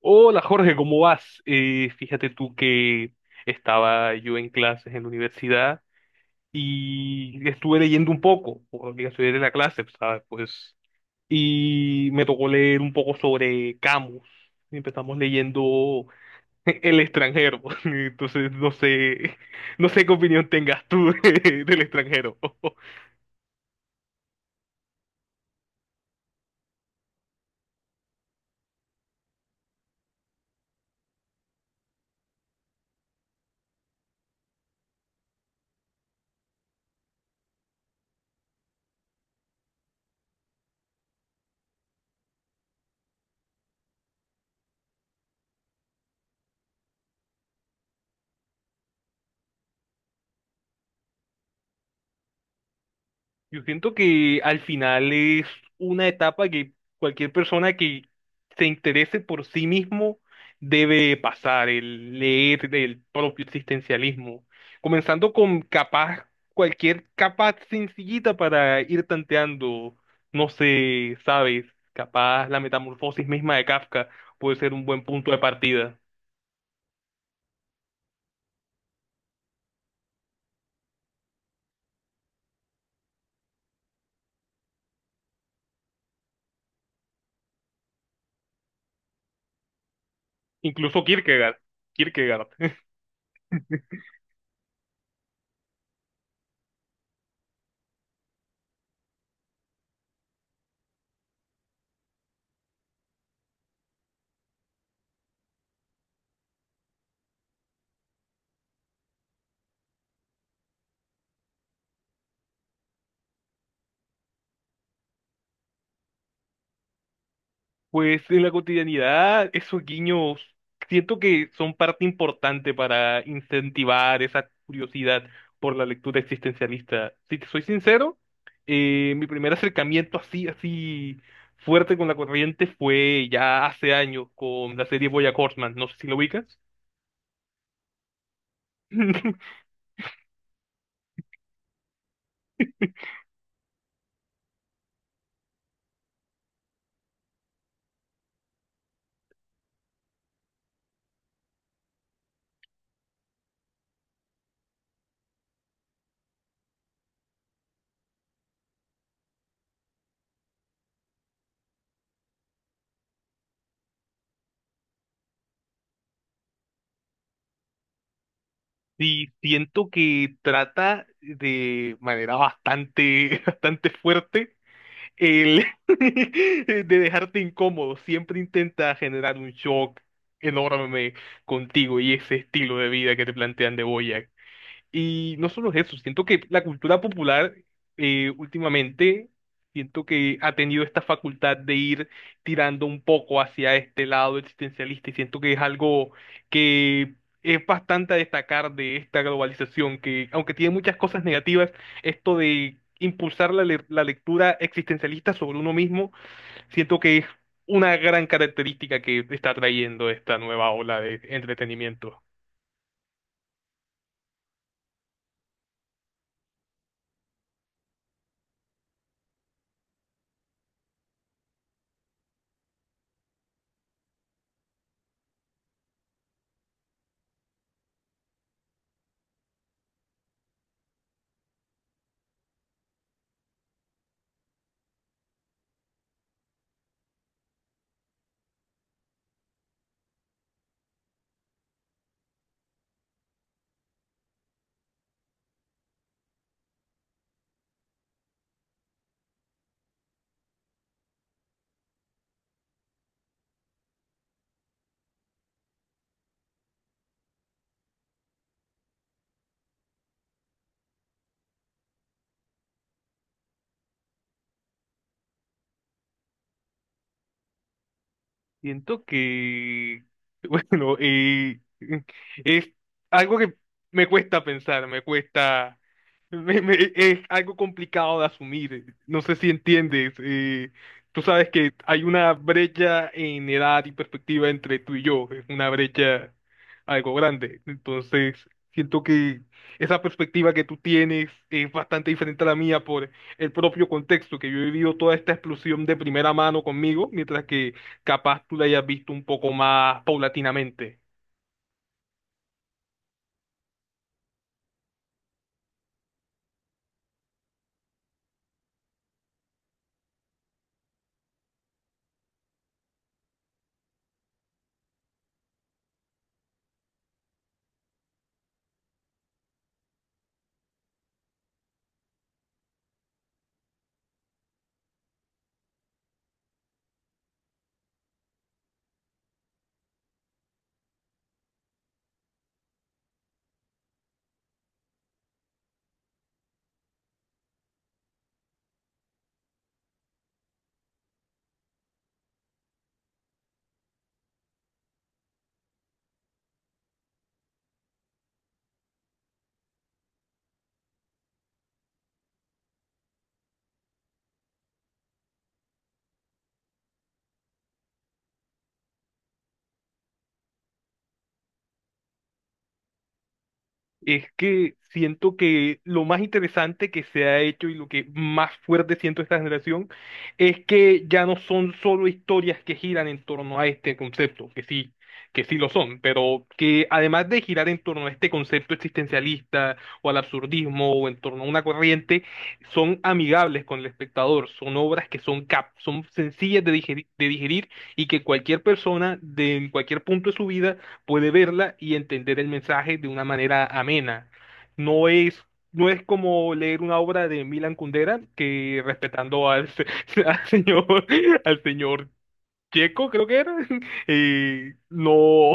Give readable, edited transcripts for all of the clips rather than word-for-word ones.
Hola Jorge, ¿cómo vas? Fíjate tú que estaba yo en clases en la universidad y estuve leyendo un poco, por obligación de la clase, ¿sabes? Pues, y me tocó leer un poco sobre Camus. Y empezamos leyendo El extranjero. Entonces, no sé, no sé qué opinión tengas tú del extranjero. Yo siento que al final es una etapa que cualquier persona que se interese por sí mismo debe pasar, el leer del propio existencialismo, comenzando con capaz, cualquier capa sencillita para ir tanteando, no sé, sabes, capaz la metamorfosis misma de Kafka puede ser un buen punto de partida, incluso Kierkegaard, Kierkegaard. Pues en la cotidianidad, esos guiños siento que son parte importante para incentivar esa curiosidad por la lectura existencialista. Si te soy sincero, mi primer acercamiento así, así fuerte con la corriente fue ya hace años con la serie BoJack Horseman. No sé si lo ubicas. Sí, siento que trata de manera bastante, bastante fuerte el de dejarte incómodo, siempre intenta generar un shock enorme contigo y ese estilo de vida que te plantean de, y no solo eso, siento que la cultura popular últimamente, siento que ha tenido esta facultad de ir tirando un poco hacia este lado existencialista, y siento que es algo que es bastante a destacar de esta globalización, que aunque tiene muchas cosas negativas, esto de impulsar la lectura existencialista sobre uno mismo, siento que es una gran característica que está trayendo esta nueva ola de entretenimiento. Siento que, bueno, es algo que me cuesta pensar, me cuesta, es algo complicado de asumir. No sé si entiendes. Tú sabes que hay una brecha en edad y perspectiva entre tú y yo, es una brecha algo grande. Entonces, siento que esa perspectiva que tú tienes es bastante diferente a la mía por el propio contexto, que yo he vivido toda esta explosión de primera mano conmigo, mientras que capaz tú la hayas visto un poco más paulatinamente. Es que siento que lo más interesante que se ha hecho y lo que más fuerte siento esta generación es que ya no son solo historias que giran en torno a este concepto, que sí lo son, pero que además de girar en torno a este concepto existencialista o al absurdismo o en torno a una corriente, son amigables con el espectador, son obras que son cap, son sencillas de digerir, de digerir, y que cualquier persona de en cualquier punto de su vida puede verla y entender el mensaje de una manera amena. No es, no es como leer una obra de Milan Kundera que respetando al, se- al señor, al señor checo, creo que era, no,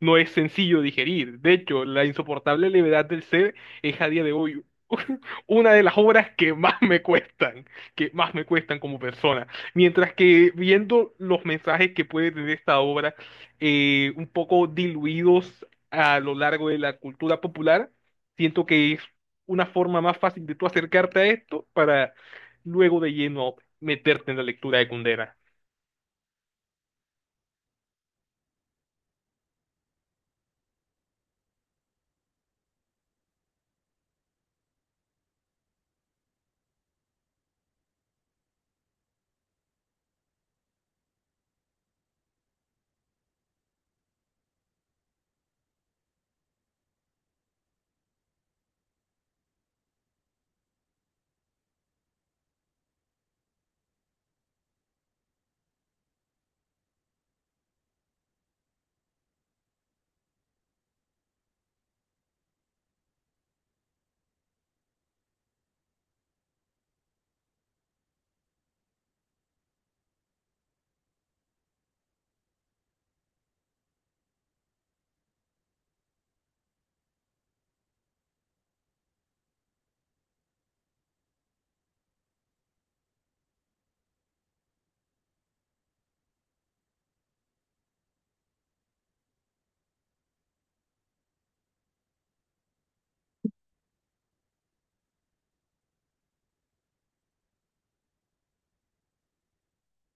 no es sencillo digerir. De hecho, la insoportable levedad del ser es a día de hoy una de las obras que más me cuestan, que más me cuestan como persona. Mientras que viendo los mensajes que puede tener esta obra, un poco diluidos a lo largo de la cultura popular, siento que es una forma más fácil de tú acercarte a esto para luego de lleno meterte en la lectura de Kundera.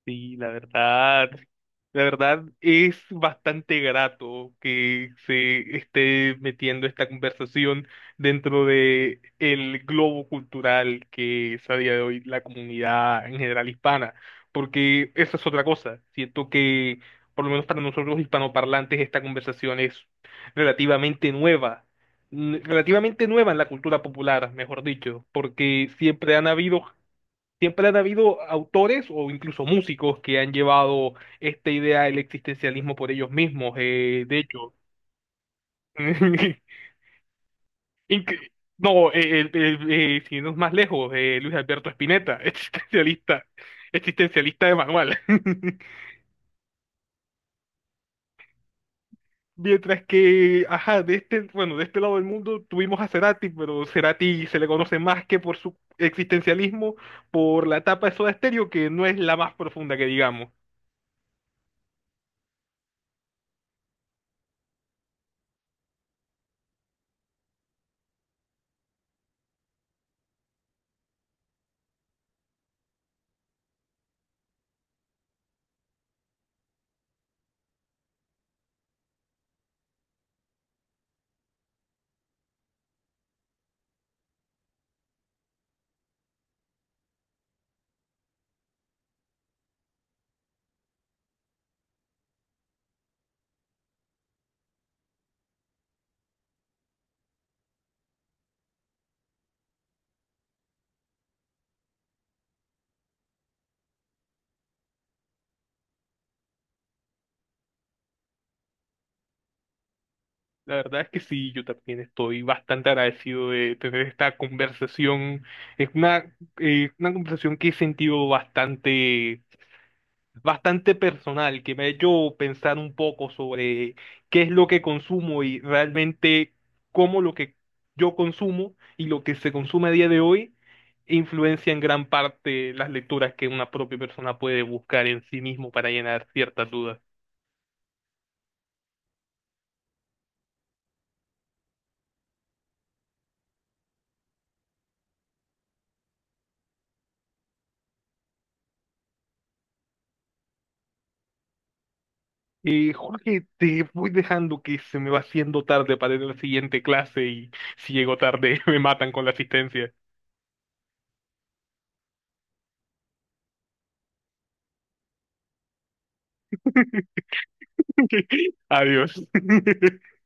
Sí, la verdad es bastante grato que se esté metiendo esta conversación dentro de el globo cultural que es a día de hoy la comunidad en general hispana, porque esa es otra cosa. Siento que, por lo menos para nosotros los hispanoparlantes, esta conversación es relativamente nueva, relativamente nueva en la cultura popular, mejor dicho, porque siempre han habido. Siempre han habido autores o incluso músicos que han llevado esta idea del existencialismo por ellos mismos. De hecho, Inc- no, si no es más lejos, Luis Alberto Spinetta, existencialista, existencialista de manual. Mientras que, ajá, de este, bueno, de este lado del mundo tuvimos a Cerati, pero Cerati se le conoce más que por su existencialismo, por la etapa de Soda Stereo, que no es la más profunda que digamos. La verdad es que sí, yo también estoy bastante agradecido de tener esta conversación. Es una conversación que he sentido bastante, bastante personal, que me ha hecho pensar un poco sobre qué es lo que consumo y realmente cómo lo que yo consumo y lo que se consume a día de hoy influencia en gran parte las lecturas que una propia persona puede buscar en sí mismo para llenar ciertas dudas. Jorge, te voy dejando, que se me va haciendo tarde para ir a la siguiente clase, y si llego tarde me matan con la asistencia. Adiós.